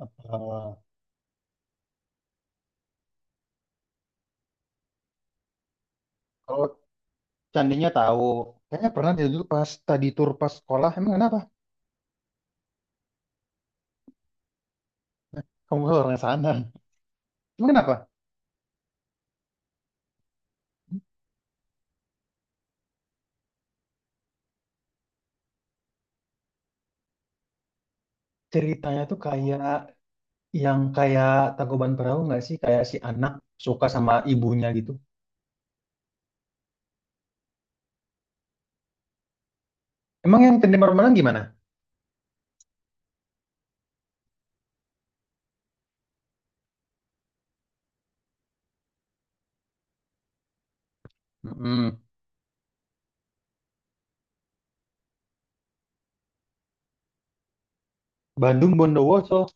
Eh, Kalau candinya tahu, kayaknya pernah dia dulu pas tadi tur pas sekolah. Emang kenapa? Kamu kan orang sana. Emang kenapa? Ceritanya tuh kayak yang kayak Tangkuban Perahu nggak sih? Kayak si anak suka sama ibunya gitu. Emang yang Tandi Marmalang gimana? Mm-mm. Bandung Bondowoso.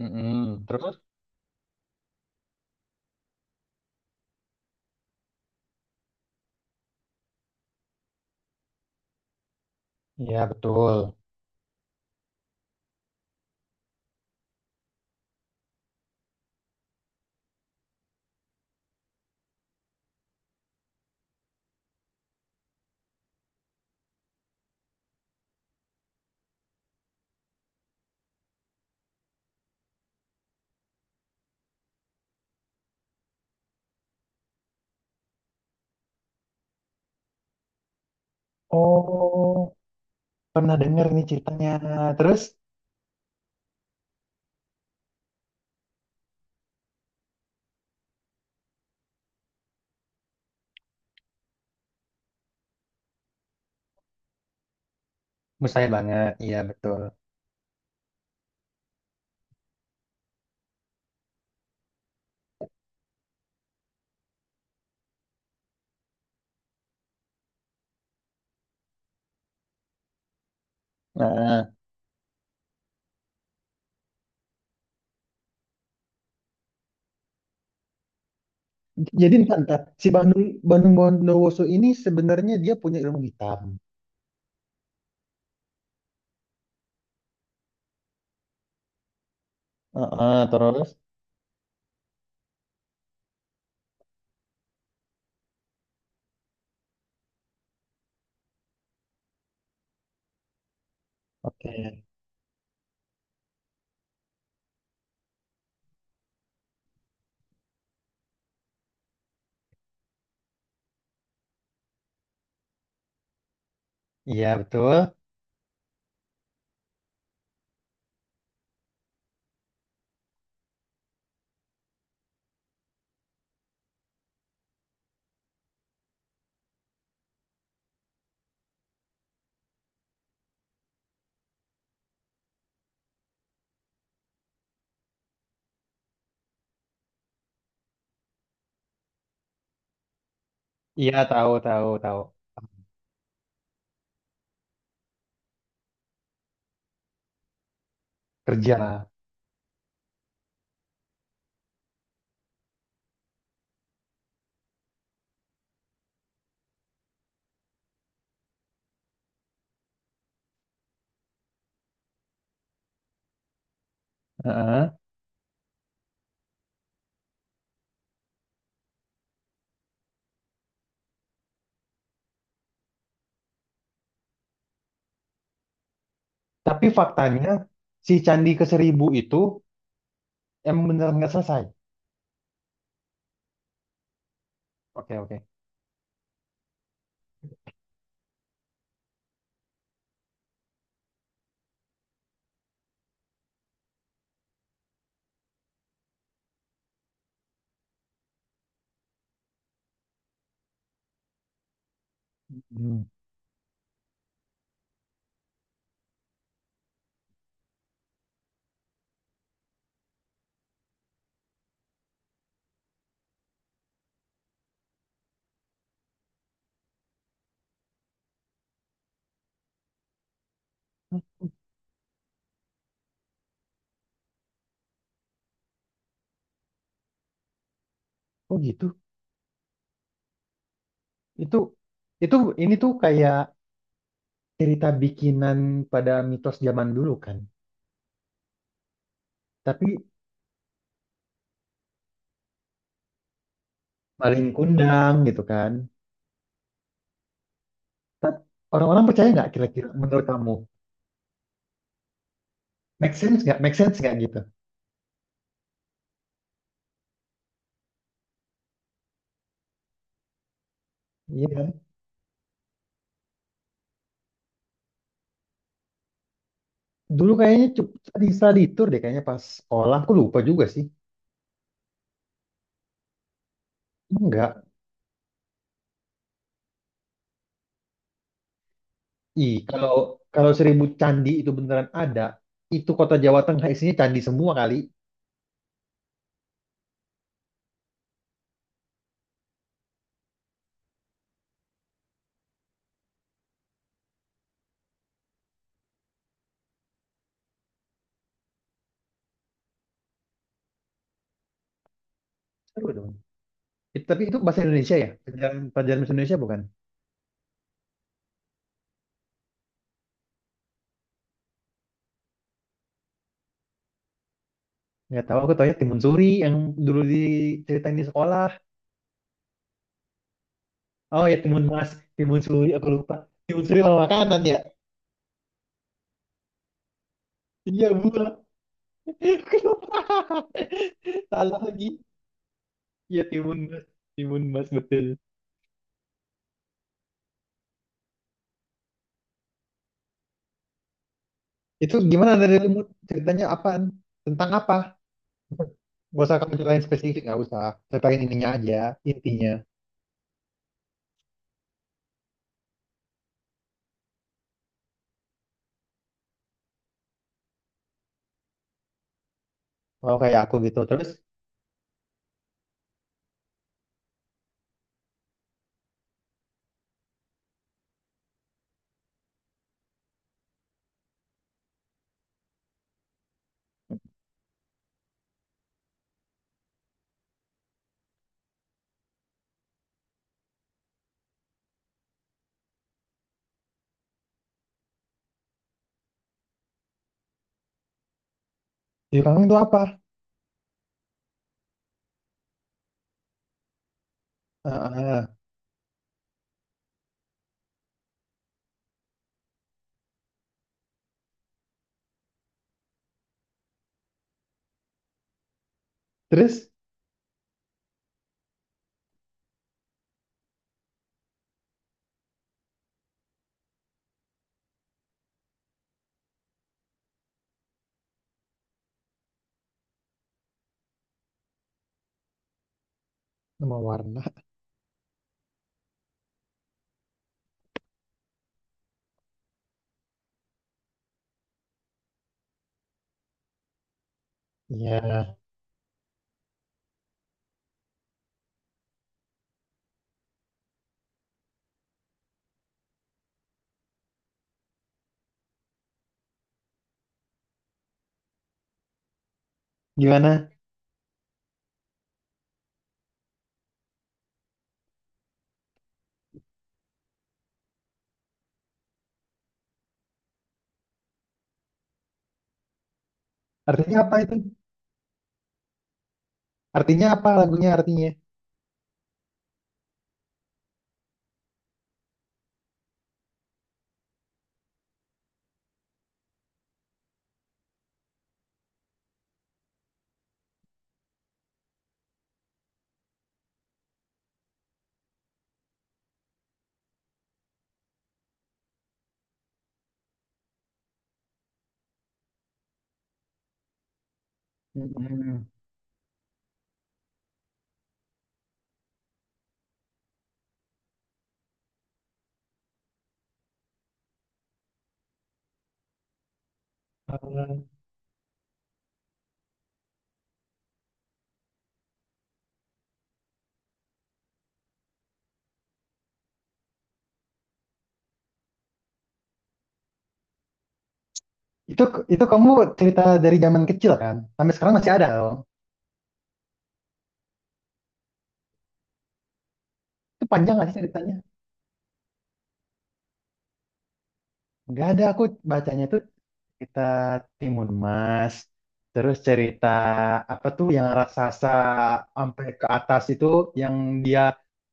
Mm-mm. Terus? Ya betul. Oh, pernah dengar nih ceritanya. Terus? Mustahil banget. Iya betul. Nah. Jadi ntar, ntar. Si Bandung Bandung Bondowoso ini sebenarnya dia punya ilmu hitam. Heeh, terus, oke, iya betul, iya tahu tahu tahu kerja. Heeh. Tapi faktanya si Candi Keseribu itu emang beneran nggak selesai. Oke oke. Hmm. Hah, oh gitu. Itu itu ini tuh kayak cerita bikinan pada mitos zaman dulu kan. Tapi paling kondang gitu kan. Orang-orang percaya nggak kira-kira menurut kamu? Make sense nggak? Make sense nggak gitu? Iya kan? Dulu kayaknya study, study tour deh kayaknya pas sekolah. Aku lupa juga sih. Enggak. Ih, kalau kalau seribu candi itu beneran ada, itu kota Jawa Tengah isinya candi semua kali. Seru dong. Tapi itu bahasa Indonesia ya? Pelajaran, pelajaran bahasa Indonesia bukan? Nggak tahu, aku taunya Timun Suri yang dulu diceritain di sekolah. Oh ya, Timun Mas, Timun Suri, aku lupa. Timun Suri sama makanan ya? Iya, buah. Aku lupa. Salah lagi. Iya, Timun Mas. Timun Mas, betul. Itu gimana dari remote? Ceritanya apaan? Tentang apa? Gak usah kamu ceritain spesifik, gak usah. Ceritain ininya aja, intinya. Kalau kayak aku gitu. Terus, di kamu itu apa? Heeh. Terus, nama warna. Iya. Gimana? Artinya apa itu? Artinya apa lagunya artinya? Mm-mm. Heeh. Itu itu kamu cerita dari zaman kecil kan? Sampai sekarang masih ada loh. Itu panjang gak sih ceritanya? Gak ada aku bacanya itu. Kita Timun Mas. Terus cerita apa tuh yang raksasa sampai ke atas itu yang dia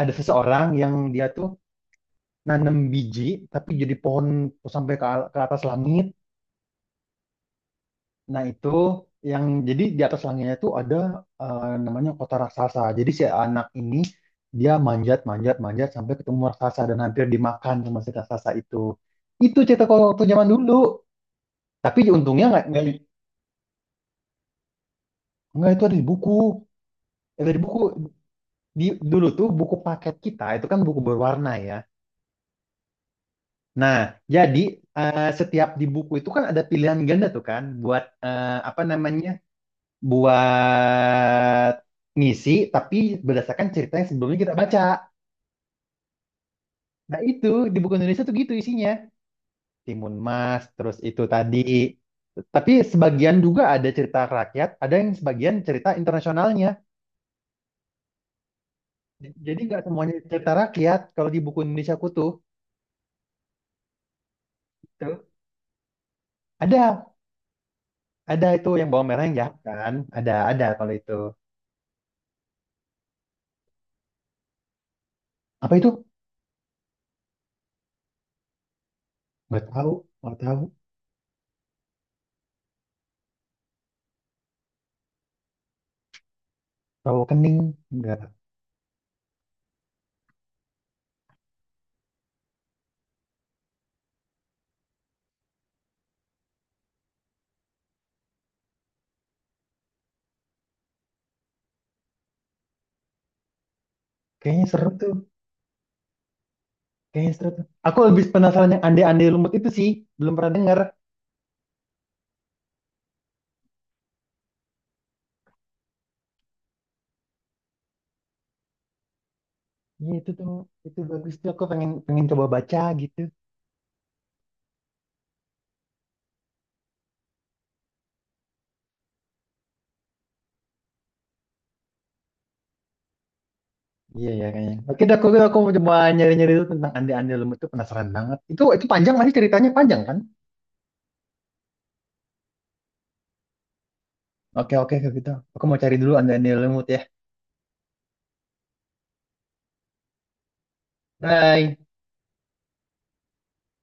ada seseorang yang dia tuh nanam biji tapi jadi pohon sampai ke, ke atas langit. Nah, itu yang jadi di atas langitnya itu ada namanya kota raksasa. Jadi si anak ini dia manjat manjat manjat sampai ketemu raksasa dan hampir dimakan sama si raksasa itu. Itu cerita kalau waktu zaman dulu. Tapi untungnya nggak itu ada di buku. Ya, dari buku di, dulu tuh buku paket kita itu kan buku berwarna ya. Nah, jadi setiap di buku itu kan ada pilihan ganda tuh kan buat apa namanya? Buat ngisi tapi berdasarkan cerita yang sebelumnya kita baca. Nah, itu di buku Indonesia tuh gitu isinya. Timun Mas, terus itu tadi. Tapi sebagian juga ada cerita rakyat, ada yang sebagian cerita internasionalnya. Jadi nggak semuanya cerita rakyat kalau di buku Indonesia aku tuh. Tuh Ada Ada itu yang bawang merah yang jahat kan? Ada kalau itu. Apa itu? Nggak tahu, nggak tahu. Rawo kening, nggak. Kayaknya seru tuh, kayaknya seru tuh. Aku lebih penasaran yang ande-ande lumut itu sih, belum pernah dengar. Iya itu tuh, itu bagus tuh. Aku pengen pengen coba baca gitu. Iya ya kayaknya. Oke, dah, aku mau coba nyari-nyari dulu tentang ande-ande lumut itu penasaran banget. Itu panjang masih ceritanya panjang kan? Oke oke kalau gitu. Aku mau cari dulu ande-ande lumut ya. Bye.